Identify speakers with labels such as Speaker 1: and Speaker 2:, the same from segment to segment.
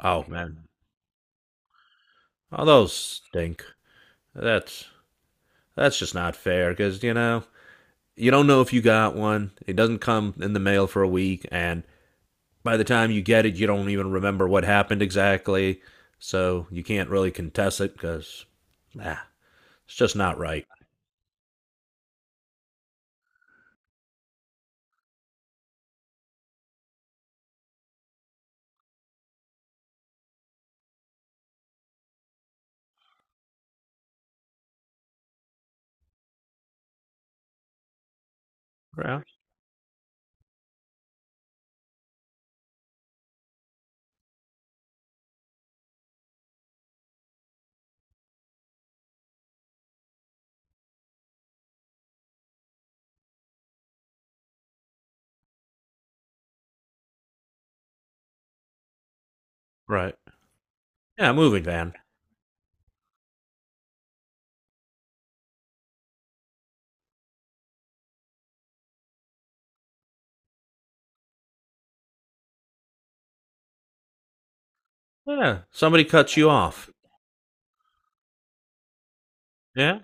Speaker 1: Oh man, oh those stink. That's that's just not fair because you know you don't know if you got one. It doesn't come in the mail for a week, and by the time you get it, you don't even remember what happened exactly. So you can't really contest it because nah, it's just not right. Right. Right. Yeah, moving van. Yeah, somebody cuts you off. Yeah,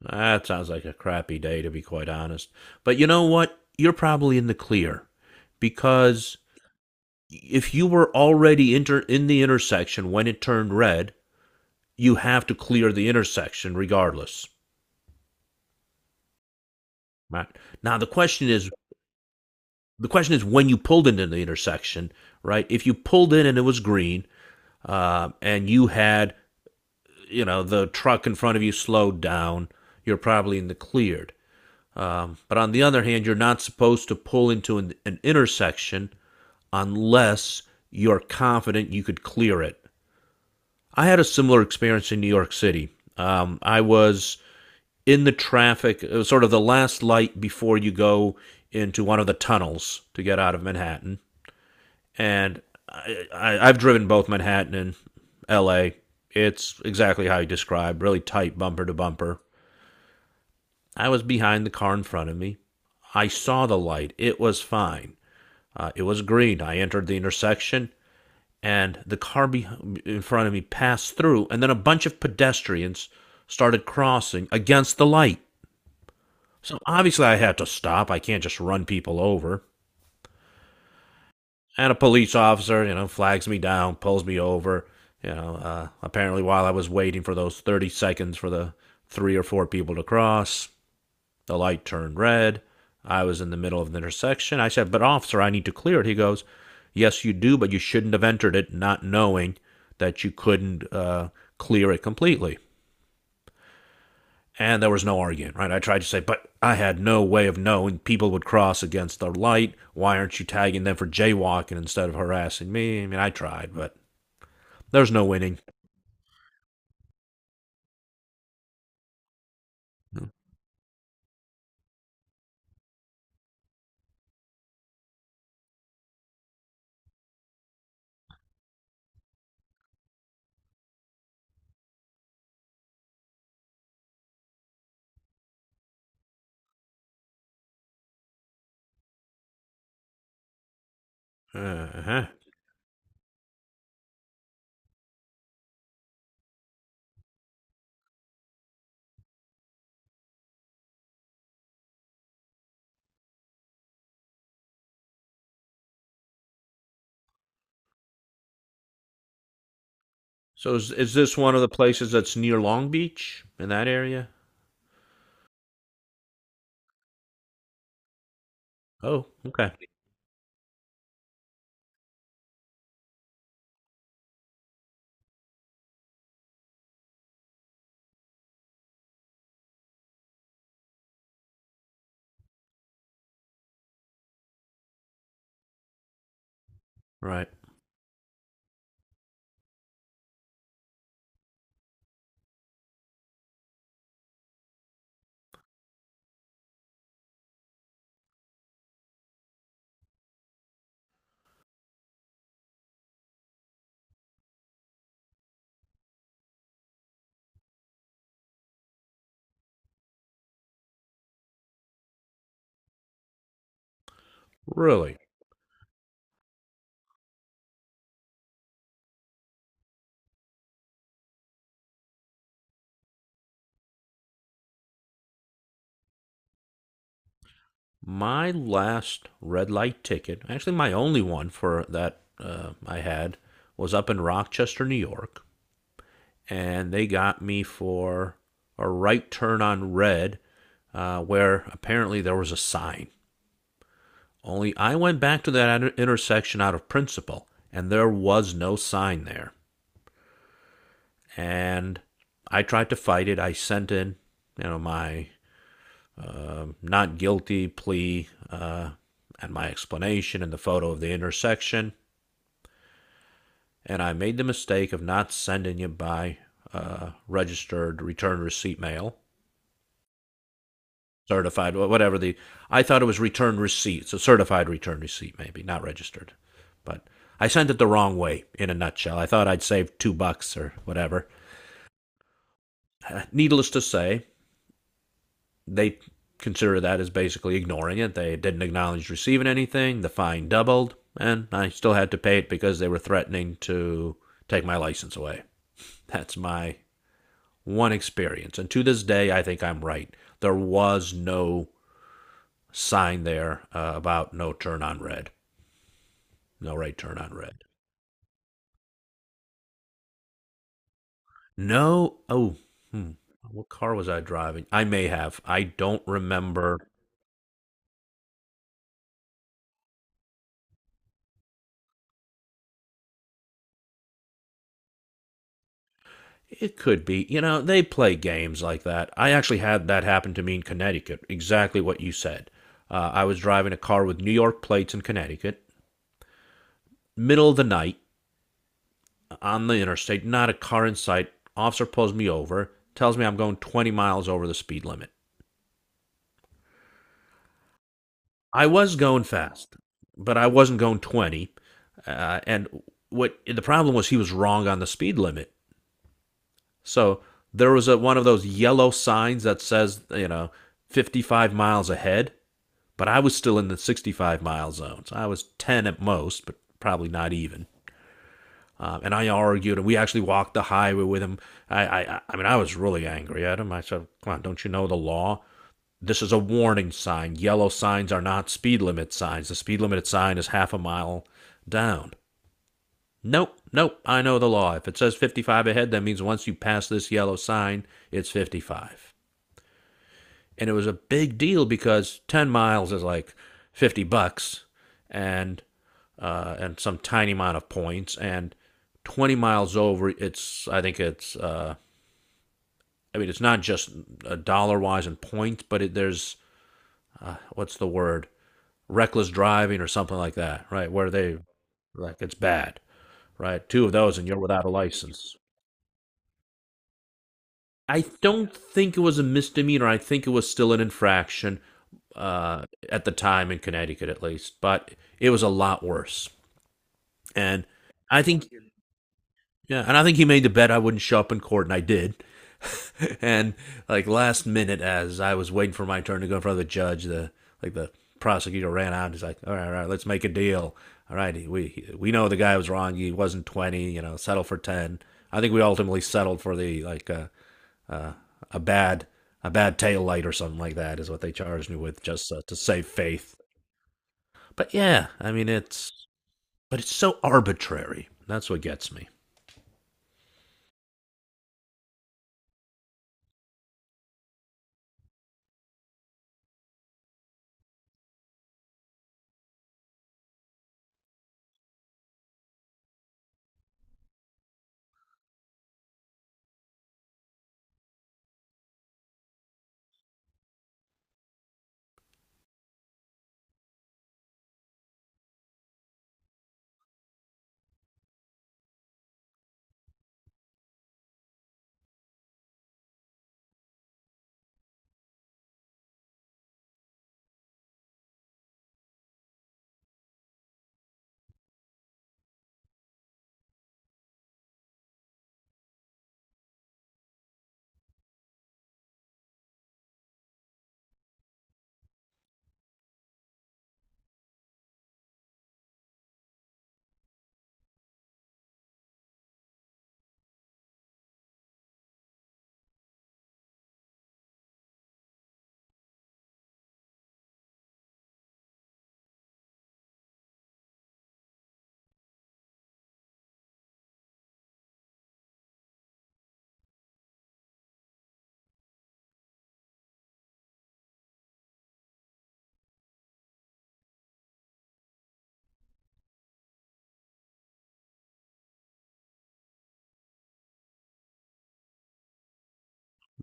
Speaker 1: that sounds like a crappy day to be quite honest. But you know what? You're probably in the clear because if you were already in the intersection when it turned red, you have to clear the intersection regardless. Right now, the question is when you pulled into the intersection, right? If you pulled in and it was green, and you had you know the truck in front of you slowed down, you're probably in the cleared. But on the other hand, you're not supposed to pull into an intersection unless you're confident you could clear it. I had a similar experience in New York City. I was in the traffic, it was sort of the last light before you go into one of the tunnels to get out of Manhattan. And I've driven both Manhattan and LA. It's exactly how you described, really tight bumper to bumper. I was behind the car in front of me. I saw the light. It was fine. It was green. I entered the intersection, and in front of me passed through, and then a bunch of pedestrians started crossing against the light. So obviously, I had to stop. I can't just run people over. And a police officer, you know, flags me down, pulls me over. You know, apparently, while I was waiting for those 30 seconds for the three or four people to cross, the light turned red. I was in the middle of the intersection. I said, "But officer, I need to clear it." He goes, "Yes, you do, but you shouldn't have entered it not knowing that you couldn't clear it completely." And there was no argument, right? I tried to say, "But I had no way of knowing people would cross against the light. Why aren't you tagging them for jaywalking instead of harassing me?" I mean, I tried, but there's no winning. Uh huh. So is this one of the places that's near Long Beach in that area? Oh, okay. Right. Really? My last red light ticket, actually my only one for that I had, was up in Rochester, New York, and they got me for a right turn on red, where apparently there was a sign. Only I went back to that intersection out of principle, and there was no sign there. And I tried to fight it. I sent in, you know, my not guilty plea and my explanation and the photo of the intersection, and I made the mistake of not sending you by registered return receipt mail, certified, whatever the. I thought it was return receipt, so certified return receipt, maybe not registered, but I sent it the wrong way. In a nutshell, I thought I'd save $2 or whatever. Needless to say, they consider that as basically ignoring it. They didn't acknowledge receiving anything. The fine doubled, and I still had to pay it because they were threatening to take my license away. That's my one experience. And to this day, I think I'm right. There was no sign there about no turn on red, no right turn on red. No, oh, hmm, what car was I driving? I may have. I don't remember. It could be. You know, they play games like that. I actually had that happen to me in Connecticut, exactly what you said. I was driving a car with New York plates in Connecticut, middle of the night, on the interstate, not a car in sight. Officer pulls me over, tells me I'm going 20 miles over the speed limit. I was going fast, but I wasn't going 20. And what the problem was, he was wrong on the speed limit. So there was one of those yellow signs that says, you know, 55 miles ahead, but I was still in the 65-mile zone. So I was 10 at most, but probably not even. And I argued, and we actually walked the highway with him. I mean, I was really angry at him. I said, "Come on, don't you know the law? This is a warning sign. Yellow signs are not speed limit signs. The speed limit sign is half a mile down." Nope, nope. I know the law. If it says 55 ahead, that means once you pass this yellow sign, it's 55, and it was a big deal because 10 miles is like 50 bucks and and some tiny amount of points, and 20 miles over, it's I think it's I mean it's not just dollar wise in points but there's what's the word, reckless driving or something like that, right, where they like it's bad, right? Two of those and you're without a license. I don't think it was a misdemeanor. I think it was still an infraction at the time in Connecticut, at least. But it was a lot worse. And I think, yeah, and I think he made the bet I wouldn't show up in court, and I did. and like last minute, as I was waiting for my turn to go in front of the judge, the like the prosecutor ran out. He's like, all right, let's make a deal. All right, we know the guy was wrong. He wasn't 20. You know, settle for ten." I think we ultimately settled for the like. Uh, a bad tail light or something like that is what they charged me with just to save faith. But yeah, I mean it's but it's so arbitrary. That's what gets me.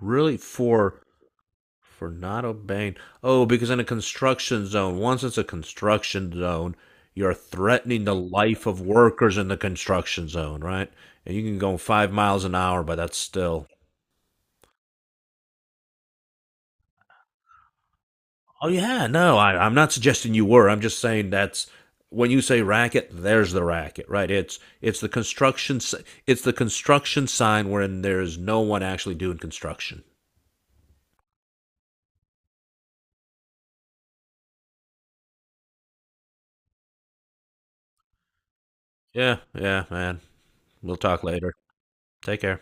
Speaker 1: Really? For not obeying. Oh, because in a construction zone, once it's a construction zone, you're threatening the life of workers in the construction zone, right? And you can go 5 miles an hour, but that's still Oh yeah, no, I'm not suggesting you were. I'm just saying that's when you say racket, there's the racket, right? It's the it's the construction sign wherein there's no one actually doing construction. Yeah, yeah, man. We'll talk later. Take care.